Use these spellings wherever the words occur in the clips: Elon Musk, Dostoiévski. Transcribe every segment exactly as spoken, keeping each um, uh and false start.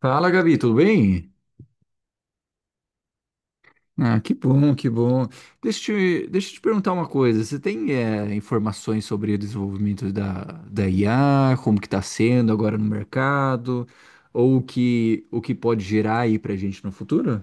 Fala, Gabi, tudo bem? Ah, que bom, que bom. Deixa eu te, deixa eu te perguntar uma coisa. Você tem eh, informações sobre o desenvolvimento da, da I A, como que está sendo agora no mercado, ou o que, o que pode gerar aí para a gente no futuro?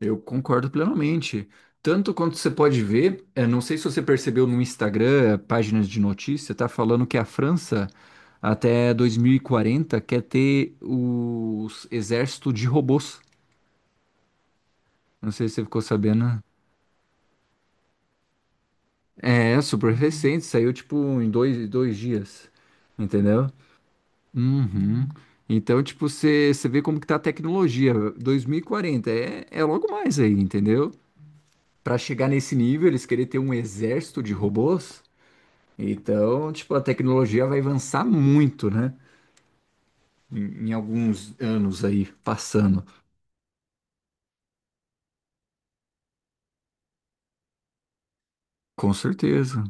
Eu concordo plenamente. Tanto quanto você pode ver, eh, não sei se você percebeu no Instagram, páginas de notícia, tá falando que a França até dois mil e quarenta quer ter o exército de robôs. Não sei se você ficou sabendo. É, é super recente, saiu tipo em dois, dois dias, entendeu? Uhum. Então, tipo, você você vê como que tá a tecnologia. dois mil e quarenta é, é logo mais aí, entendeu? Pra chegar nesse nível, eles querem ter um exército de robôs. Então, tipo, a tecnologia vai avançar muito, né? Em, em alguns anos aí, passando. Com certeza.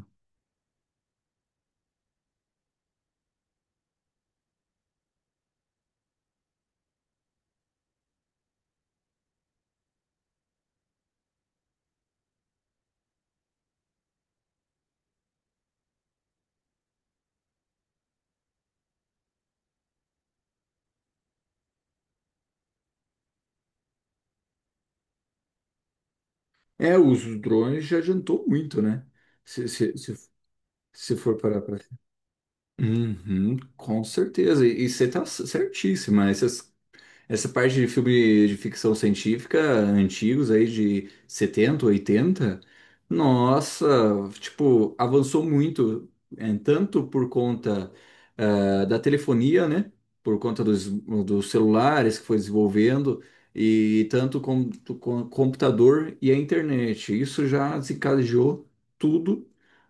É, os drones já adiantou muito, né? Se, se, se, se for parar pra uhum, com certeza. E e você está certíssima. Essas, essa parte de filme de ficção científica antigos aí de setenta oitenta, nossa, tipo, avançou muito, é, tanto por conta ah, da telefonia, né? Por conta dos, dos celulares que foi desenvolvendo, e tanto com, com o computador e a internet. Isso já desencadeou tudo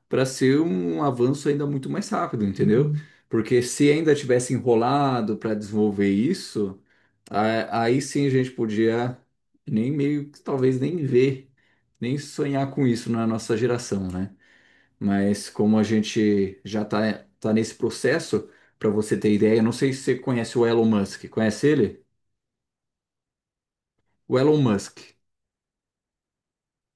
para ser um avanço ainda muito mais rápido, entendeu? Porque se ainda tivesse enrolado para desenvolver isso. Ah, Aí sim a gente podia nem meio que talvez nem ver, nem sonhar com isso na nossa geração, né? Mas como a gente já tá, tá nesse processo, para você ter ideia, eu não sei se você conhece o Elon Musk. Conhece ele? O Elon Musk.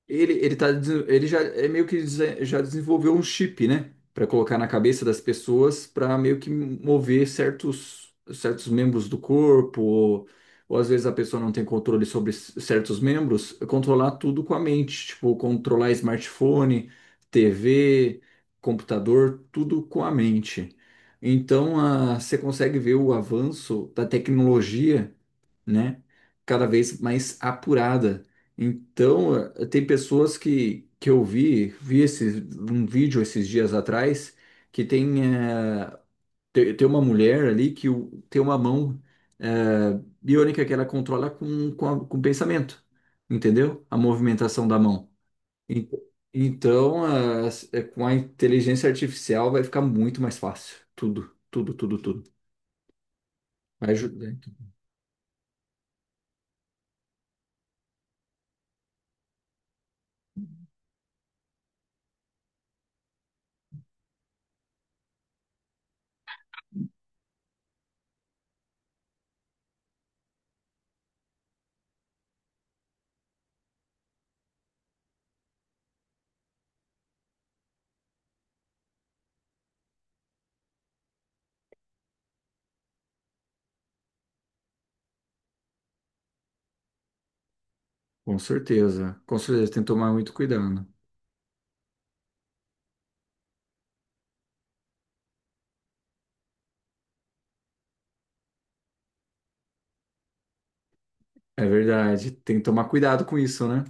Ele, ele, tá, desen- ele já é meio que desen- já desenvolveu um chip, né? Para colocar na cabeça das pessoas, para meio que mover certos, certos membros do corpo, ou, ou às vezes a pessoa não tem controle sobre c- certos membros, controlar tudo com a mente, tipo, controlar smartphone, T V, computador, tudo com a mente. Então, a, você consegue ver o avanço da tecnologia, né? Cada vez mais apurada. Então, eh, tem pessoas que, que eu vi, vi esse, um vídeo esses dias atrás, que tem, eh, te- tem uma mulher ali que o- tem uma mão eh, biônica que ela controla com, com, a- com o pensamento, entendeu? A movimentação da mão. En- Então, as- eh, com a inteligência artificial vai ficar muito mais fácil. Tudo, tudo, tudo, tudo. Vai ajudar. Então. Com certeza, com certeza, tem que tomar muito cuidado. É verdade, tem que tomar cuidado com isso, né?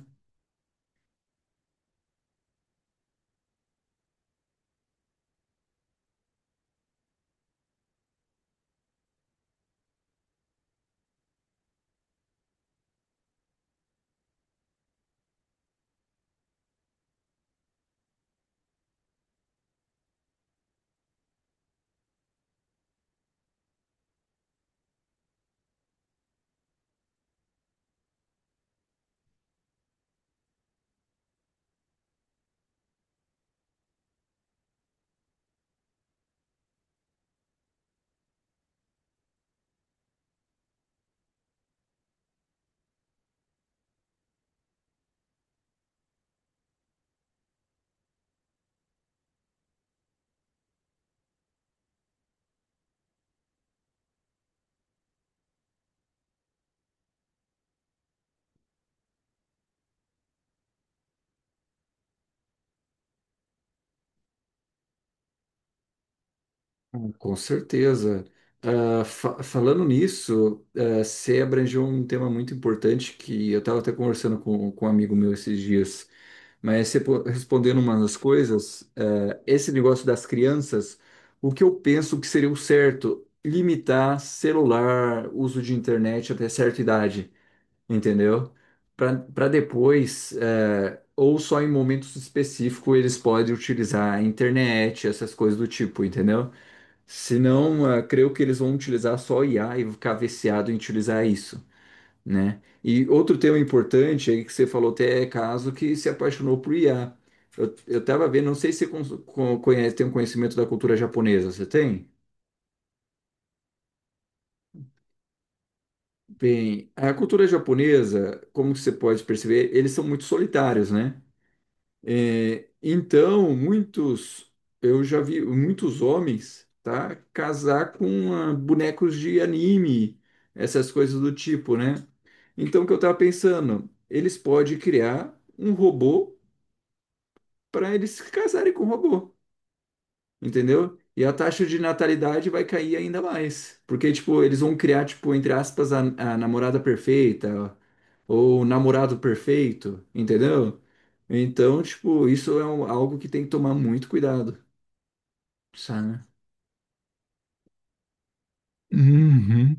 Ah, com certeza. Ah, fa- falando nisso, ah, você abrangeu um tema muito importante que eu estava até conversando com, com um amigo meu esses dias. Mas você po- respondendo uma das coisas, eh, esse negócio das crianças, o que eu penso que seria o certo? Limitar celular, uso de internet até certa idade, entendeu? Para depois, é, ou só em momentos específicos, eles podem utilizar a internet, essas coisas do tipo, entendeu? Senão, é, creio que eles vão utilizar só I A e ficar viciado em utilizar isso, né? E outro tema importante aí que você falou até é caso que se apaixonou por I A. Eu, eu tava vendo, não sei se você cons- co- conhece, tem um conhecimento da cultura japonesa, você tem? Bem, a cultura japonesa, como que você pode perceber, eles são muito solitários, né? É, então, muitos, eu já vi muitos homens, tá, casar com ah, bonecos de anime, essas coisas do tipo, né? Então, o que eu tava pensando, eles podem criar um robô para eles se casarem com o robô, entendeu? E a taxa de natalidade vai cair ainda mais, porque, tipo, eles vão criar, tipo, entre aspas, a, a namorada perfeita, ou o namorado perfeito, entendeu? Então, tipo, isso é um- algo que tem que tomar muito cuidado, sabe? Uhum.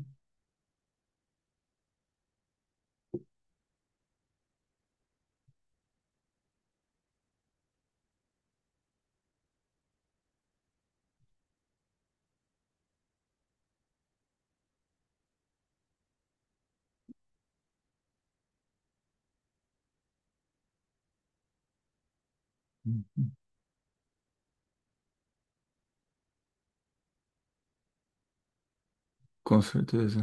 Com certeza.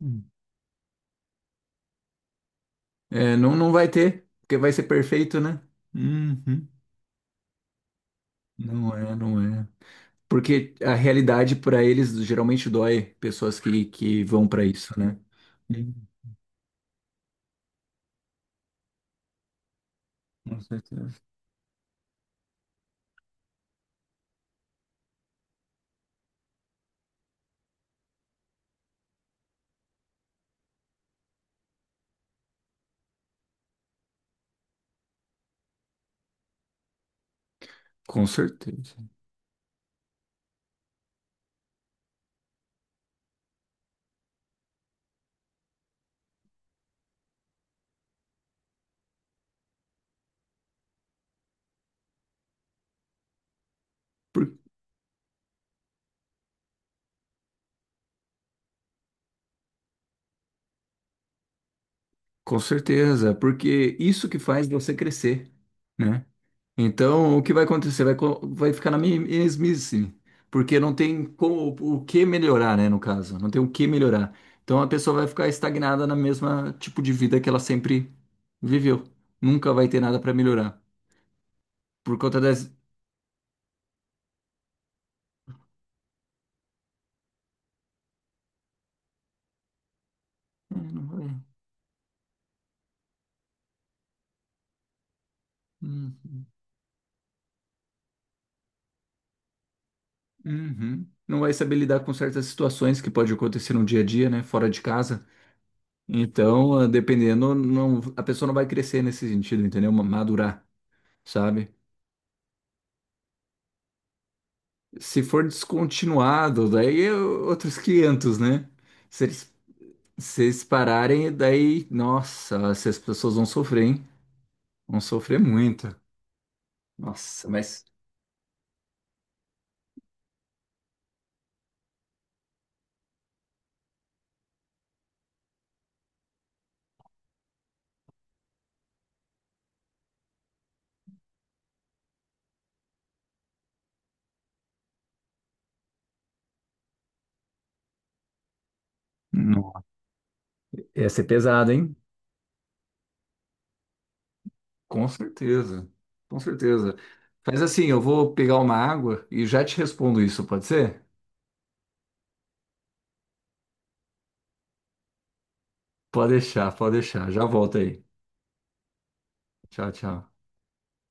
Uhum. É, não, não vai ter, porque vai ser perfeito, né? Uhum. Não é, não é. Porque a realidade para eles geralmente dói pessoas que, que vão para isso, né? Com certeza. Com certeza. Por- com certeza, porque isso que faz você crescer, né? Então, o que vai acontecer? Vai, co- vai ficar na me- mesmice, porque não tem como, o que melhorar, né, no caso. Não tem o que melhorar. Então, a pessoa vai ficar estagnada na mesma tipo de vida que ela sempre viveu. Nunca vai ter nada para melhorar. Por conta das... É, não vai. Uhum. Uhum. Não vai saber lidar com certas situações que pode acontecer no dia a dia, né? Fora de casa. Então, ah, dependendo, não, a pessoa não vai crescer nesse sentido, entendeu? Ma- Madurar, sabe? Se for descontinuado, daí é outros quinhentos, né? Se eles, Se eles pararem, daí, nossa, se as pessoas vão sofrer, hein? Vão sofrer muito. Nossa, mas não. Ia ser pesado, hein? Com certeza, com certeza. Faz assim, eu vou pegar uma água e já te respondo isso, pode ser? Pode deixar, pode deixar. Já volto aí. Tchau, tchau.